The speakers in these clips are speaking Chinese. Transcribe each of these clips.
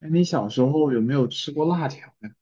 哎，你小时候有没有吃过辣条呀？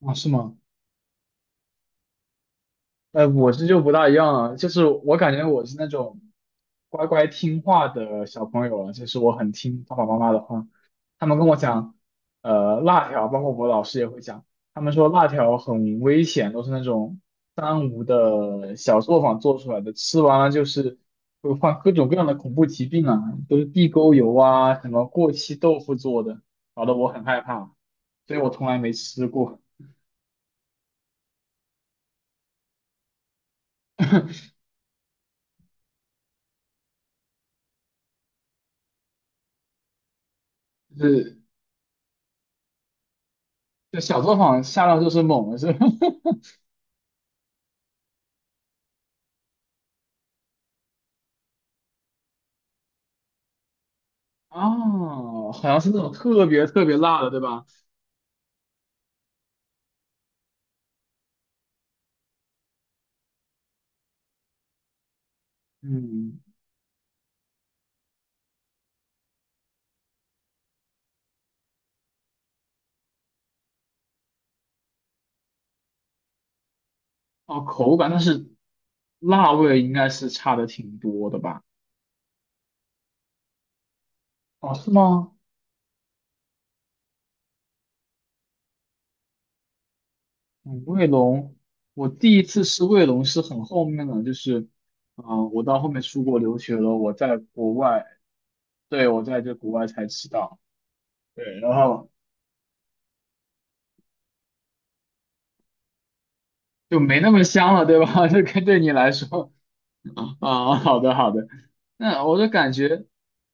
啊，是吗？我是就不大一样了，就是我感觉我是那种乖乖听话的小朋友了，就是我很听爸爸妈妈的话，他们跟我讲，辣条，包括我老师也会讲，他们说辣条很危险，都是那种三无的小作坊做出来的，吃完了就是会患各种各样的恐怖疾病啊，都是地沟油啊，什么过期豆腐做的，搞得我很害怕，所以我从来没吃过。就是就小作坊下料就是猛了是吧？啊，好像是那种特别特别辣的，对吧？嗯，哦，口感，但是辣味应该是差的挺多的吧？哦，是吗？嗯，卫龙，我第一次吃卫龙是很后面了，就是，我到后面出国留学了，我在国外，对，我在这国外才吃到，对，然后就没那么香了，对吧？这跟对你来说，啊，好的好的，那我就感觉。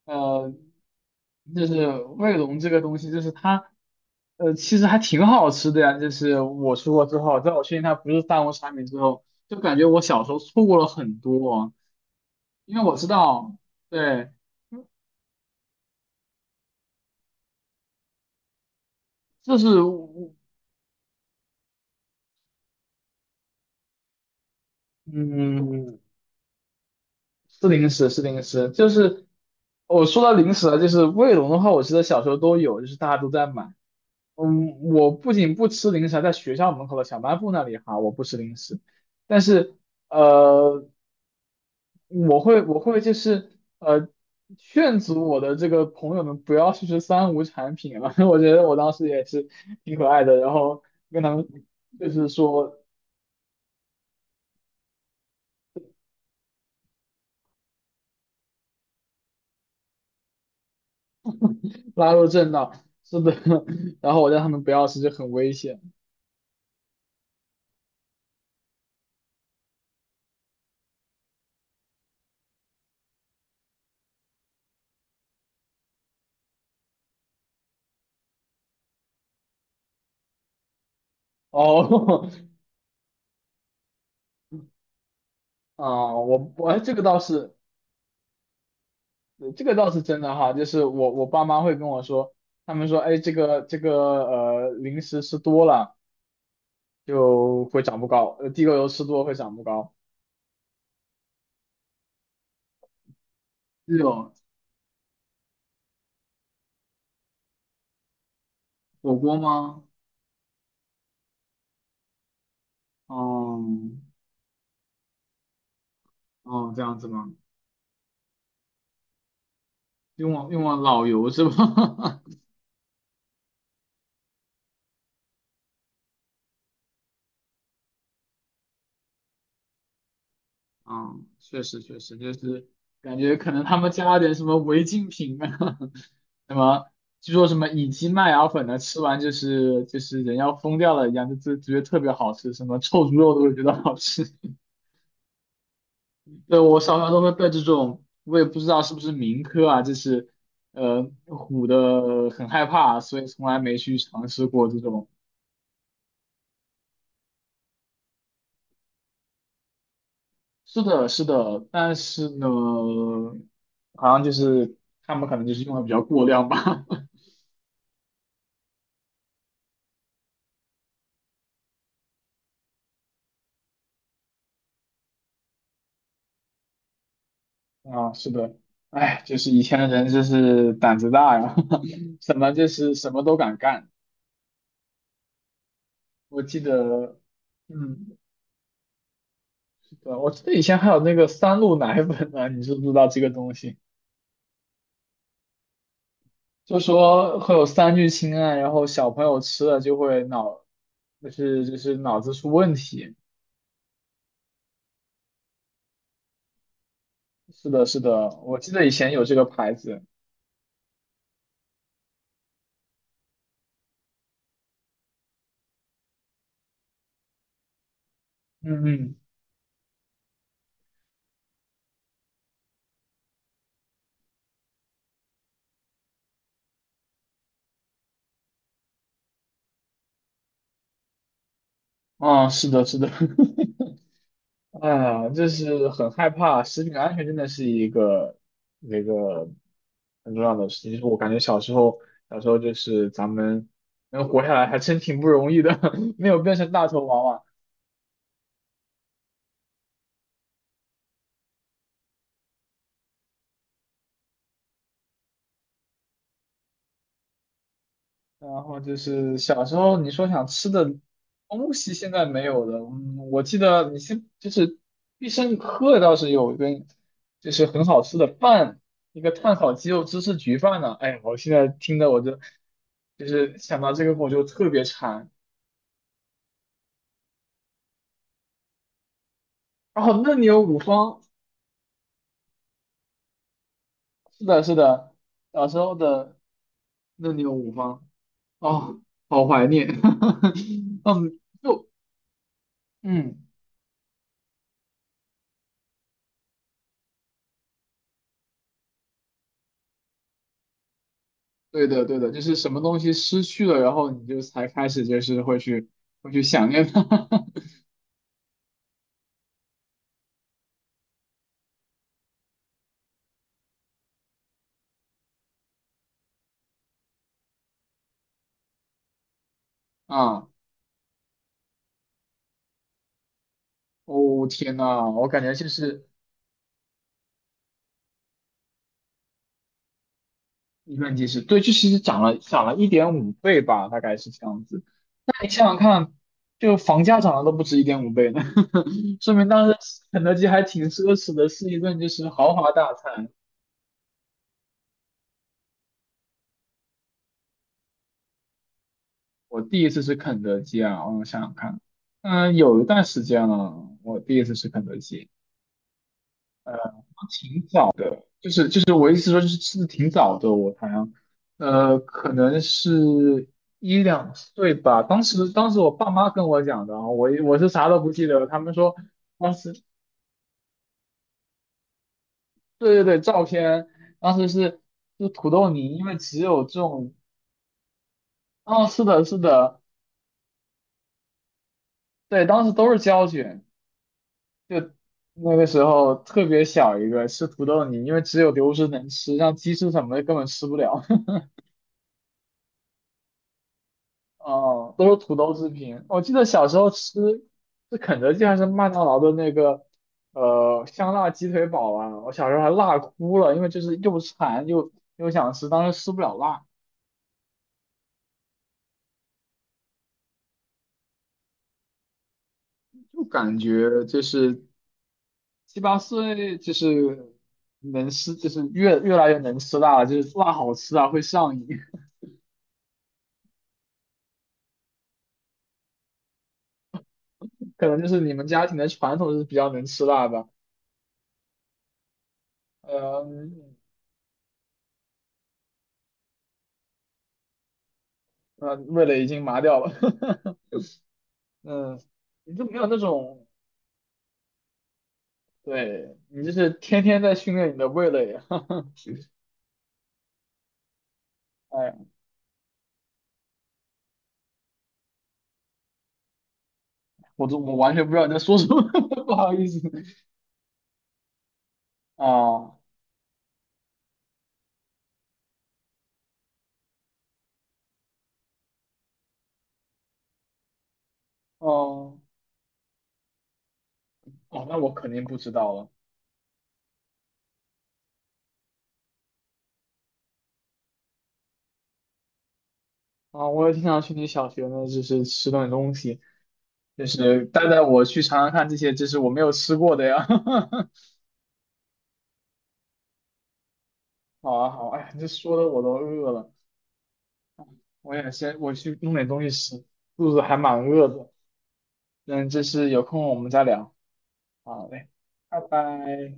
呃，就是卫龙这个东西，就是它，其实还挺好吃的呀。就是我出国之后，在我确定它不是三无产品之后，就感觉我小时候错过了很多，因为我知道，对，就是我嗯，是零食，是零食，就是我说到零食了，就是卫龙的话，我记得小时候都有，就是大家都在买。嗯，我不仅不吃零食，还在学校门口的小卖部那里哈，我不吃零食。但是呃，我会就是呃劝阻我的这个朋友们不要去吃三无产品了，我觉得我当时也是挺可爱的，然后跟他们就是说拉入正道，是的，然后我让他们不要吃就很危险。哦，啊、我哎这个倒是真的哈，就是我爸妈会跟我说，他们说哎这个零食吃多了就会长不高，地沟油吃多会长不高。是有火锅吗？哦哦，这样子吗？用往老油是吧？嗯，确实确实，就是感觉可能他们加了点什么违禁品啊，什么据说什么乙基麦芽粉呢，吃完就是人要疯掉了一样，就觉得特别好吃，什么臭猪肉都会觉得好吃。对，我小时候都会被这种，我也不知道是不是民科啊，就是唬得很害怕，所以从来没去尝试过这种。是的，是的，但是呢，好像就是他们可能就是用的比较过量吧。啊，是的，哎，就是以前的人真是胆子大呀，就是什么都敢干。我记得，嗯，对，我记得以前还有那个三鹿奶粉呢，你知不知道这个东西？就说会有三聚氰胺，然后小朋友吃了就会脑，就是脑子出问题。是的，是的，我记得以前有这个牌子。嗯嗯。啊，是的，是的，哎呀，就是很害怕，食品安全真的是一个那个很重要的事情。就是我感觉小时候，小时候就是咱们能活下来，还真挺不容易的，没有变成大头娃娃。然后就是小时候你说想吃的东西，现在没有了。嗯，我记得你先就是必胜客倒是有一根，就是很好吃的饭，一个炭烤鸡肉芝士焗饭呢、哎呀我现在听的我就是想到这个我就特别馋。哦，嫩牛五方，是的，是的，小时候的嫩牛五方，啊，好怀念。嗯，嗯。对的，对的，就是什么东西失去了，然后你就才开始就是会去想念它。 啊！哦天呐，我感觉就是一顿机是对，就其实涨了一点五倍吧，大概是这样子。那你想想看，就房价涨了都不止一点五倍呢，说明当时肯德基还挺奢侈的，是一顿就是豪华大餐。我第一次吃肯德基啊，我想想看，嗯，有一段时间了，我第一次吃肯德基。呃就是我意思说，就是吃的挺早的，我好像，可能是一两岁吧。当时我爸妈跟我讲的啊，我是啥都不记得了。他们说当时对对对，照片当时是就土豆泥，因为只有这种，哦，是的是的，对，当时都是胶卷，就那个时候特别小一个吃土豆泥，因为只有流食能吃，像鸡翅什么的根本吃不了。哦，都是土豆制品。我记得小时候吃是肯德基还是麦当劳的那个香辣鸡腿堡啊，我小时候还辣哭了，因为就是又馋又想吃，当时吃不了辣，就感觉就是七八岁就是能吃，就是越来越能吃辣了，就是辣好吃啊，会上瘾。可能就是你们家庭的传统是比较能吃辣吧。嗯，味蕾已经麻掉了。嗯，你就没有那种。对，你这是天天在训练你的味蕾。哎，我完全不知道你在说什么，不好意思。哦哦哦，那我肯定不知道了啊。我也经常去你小学呢，就是吃顿东西，就是带带我去尝尝看这些，这是我没有吃过的呀。好啊好啊，哎呀，这说的我都饿了，我也先我去弄点东西吃，肚子还蛮饿的。嗯，这是有空我们再聊。好嘞，拜拜。